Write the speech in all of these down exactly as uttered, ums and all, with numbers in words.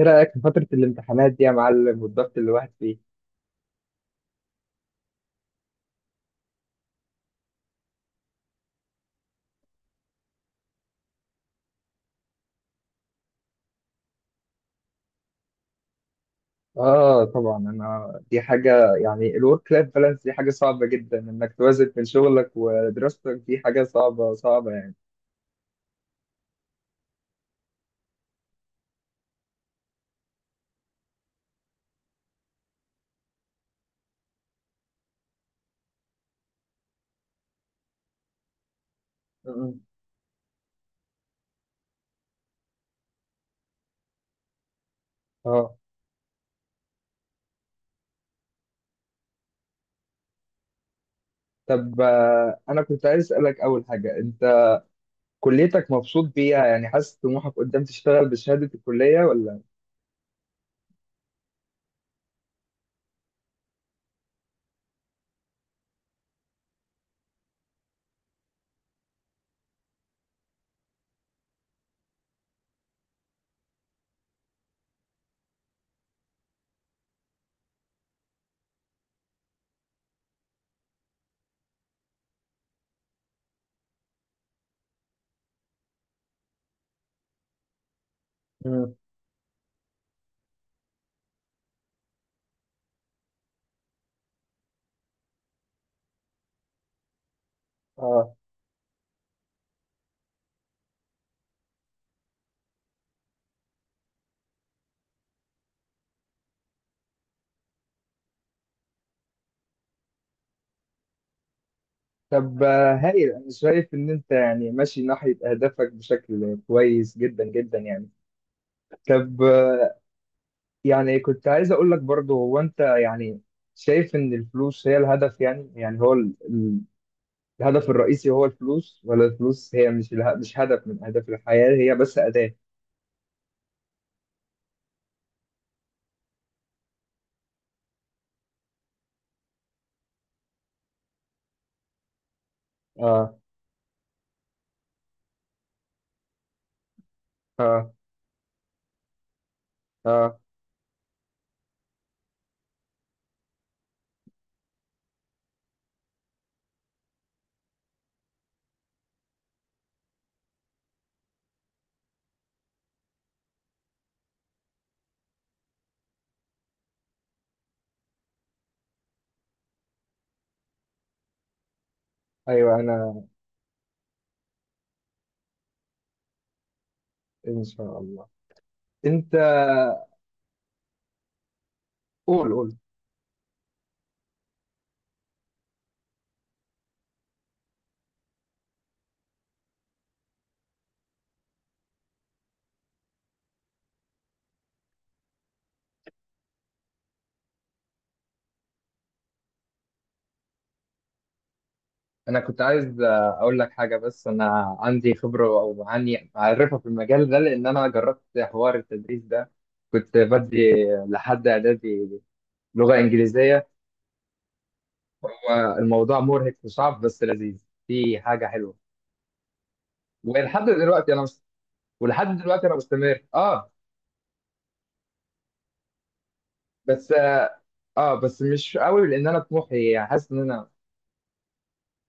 ايه رأيك في فترة الامتحانات دي يا معلم والضغط اللي الواحد فيه؟ اه، طبعا. انا دي حاجة يعني الورك لايف بالانس دي حاجة صعبة جدا، انك توازن بين شغلك ودراستك دي حاجة صعبة صعبة يعني. مم. اه. طب آه، انا كنت عايز اسألك اول حاجة، انت كليتك مبسوط بيها؟ يعني حاسس طموحك قدام تشتغل بشهادة الكلية ولا؟ مم. اه. طب آه، هايل. انا شايف ان انت يعني ماشي ناحية اهدافك بشكل كويس جدا جدا يعني. طب يعني كنت عايز اقول لك برضو، هو انت يعني شايف ان الفلوس هي الهدف؟ يعني يعني هو ال- ال- الهدف الرئيسي هو الفلوس، ولا الفلوس هي مش اله- مش هدف من اهداف الحياة، هي بس أداة؟ اه، اه، اه. ايوه. انا ان شاء الله. انت قول قول. انا كنت عايز آه، اقول لك حاجة، بس انا عندي خبرة او عني معرفة في المجال ده، لان انا جربت حوار التدريس ده. كنت بدي لحد اعدادي لغة انجليزية. الموضوع مرهق وصعب بس لذيذ، في حاجه حلوه. ولحد دلوقتي انا مست... ولحد دلوقتي انا مستمر. اه. بس اه. آه، بس مش قوي، لان انا طموحي حاسس ان انا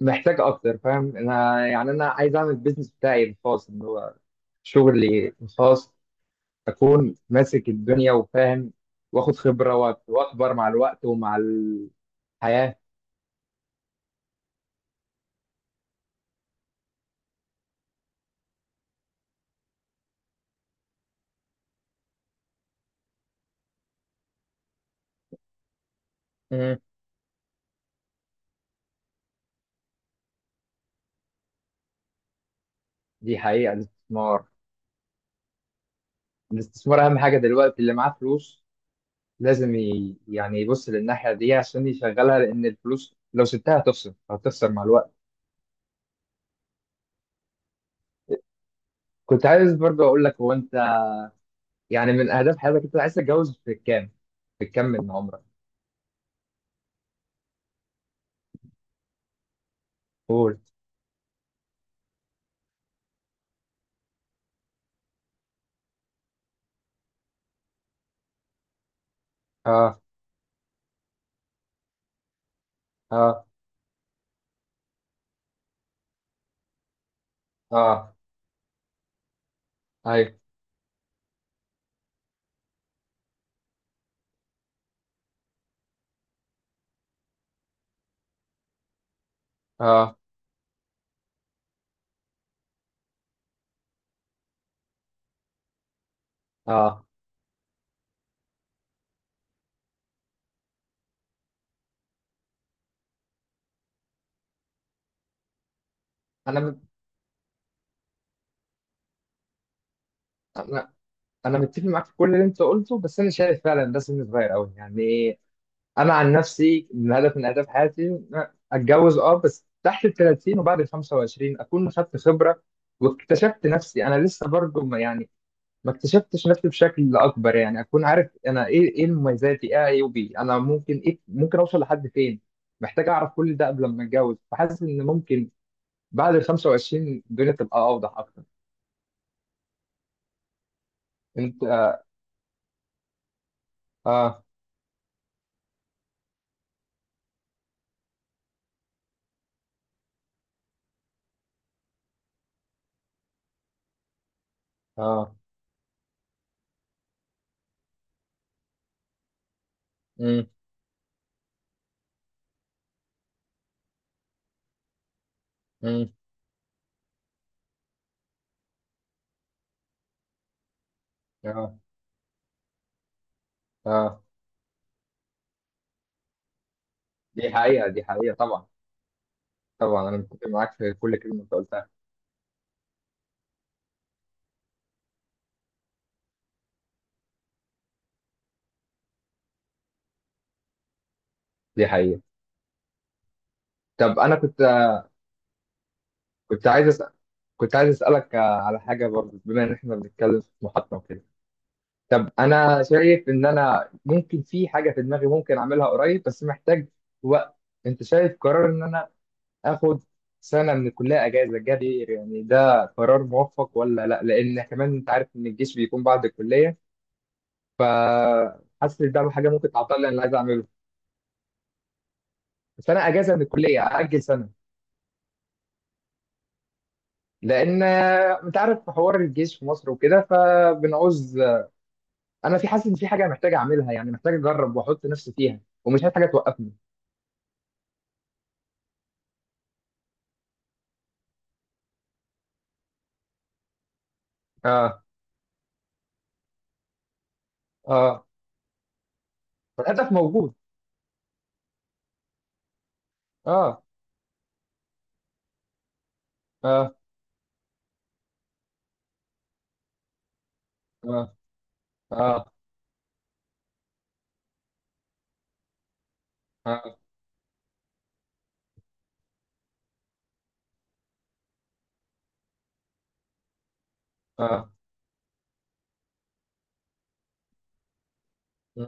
محتاج اكتر. فاهم؟ انا يعني انا عايز اعمل البيزنس بتاعي الخاص، اللي هو شغلي الخاص. اكون ماسك الدنيا وفاهم، واخد خبره وأك- واكبر مع الوقت ومع الحياه. مم. دي حقيقه. الاستثمار، الاستثمار اهم حاجه دلوقتي. اللي معاه فلوس لازم ي... يعني يبص للناحية دي عشان يشغلها، لأن الفلوس لو سبتها هتخسر، هتخسر مع الوقت. كنت عايز برضه أقول لك، هو أنت يعني من أهداف حياتك أنت عايز تتجوز في كام؟ في كام من عمرك؟ قول. آه، آه، آه. أيوه. آه، آه. أنا مت... أنا أنا متفق معاك في كل اللي أنت قلته، بس أنا شايف فعلا ده سن صغير أوي يعني. انا عن نفسي من هدف من اهداف حياتي إن أنا اتجوز، اه، بس تحت ال الثلاثين وبعد ال الخمسة وعشرين اكون خدت خبره واكتشفت نفسي. انا لسه برضه ما يعني، ما اكتشفتش نفسي بشكل اكبر يعني. اكون عارف انا ايه، ايه مميزاتي، ايه عيوبي، انا ممكن ايه، ممكن اوصل لحد فين. محتاج اعرف كل ده قبل ما اتجوز، فحاسس ان ممكن بعد ال الخمسة وعشرين الدنيا تبقى اوضح اكتر. انت. اه، اه، اه. امم. امم. اه، اه. دي حقيقه، دي حقيقه طبعا. طبعا انا متفق معاك في كل كلمه انت قلتها، دي حقيقة. طب أنا كنت. كنت عايز أسأل كنت عايز أسألك آه، على حاجة برضه، بما إن إحنا بنتكلم في محطة وكده. طب أنا شايف إن أنا ممكن، في حاجة في دماغي ممكن أعملها قريب، بس محتاج وقت. أنت شايف قرار إن أنا آخد سنة من الكلية أجازة جابير يعني، ده قرار موفق ولا لأ؟ لأن كمان أنت عارف إن الجيش بيكون بعد الكلية، فحاسس إن ده حاجة ممكن تعطلني اللي عايز أعمله. بس أنا أجازة من الكلية أأجل سنة، لان انت عارف حوار الجيش في مصر وكده فبنعوز. انا في حاسس ان في حاجه محتاج اعملها يعني، محتاج اجرب واحط نفسي فيها ومش عايز حاجه توقفني. اه، اه. فالهدف موجود. اه، اه، اه، اه، اه، اه، اه.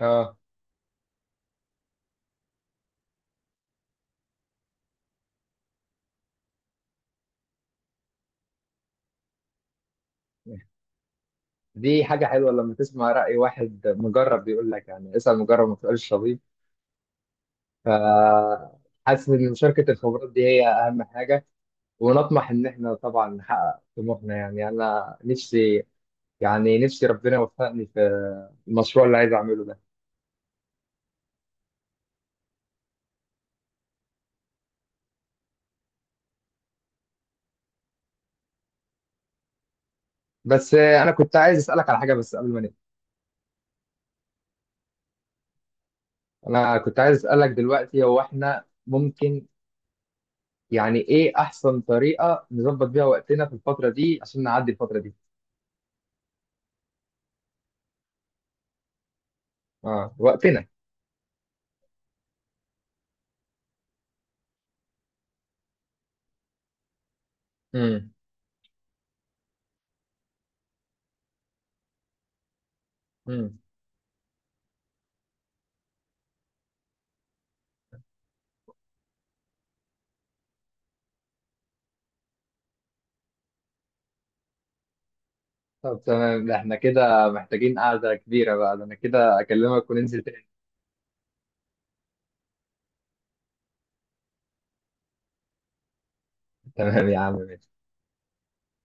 آه. دي حاجه حلوه لما تسمع راي واحد مجرب بيقول لك، يعني اسال مجرب ما تسالش طبيب. ف، حاسس ان مشاركه الخبرات دي هي اهم حاجه. ونطمح ان احنا طبعا نحقق طموحنا. يعني انا نفسي، يعني نفسي ربنا يوفقني في المشروع اللي عايز اعمله ده. بس آه، انا كنت عايز اسالك على حاجه بس قبل ما نبدا. انا كنت عايز اسالك دلوقتي، هو احنا ممكن يعني ايه احسن طريقه نظبط بيها وقتنا في الفتره دي عشان نعدي الفتره دي؟ اه، وقتنا. امم. امم. طب تمام. ده احنا كده محتاجين قعده كبيره بقى. ده انا كده اكلمك وننزل تاني. تمام يا عم.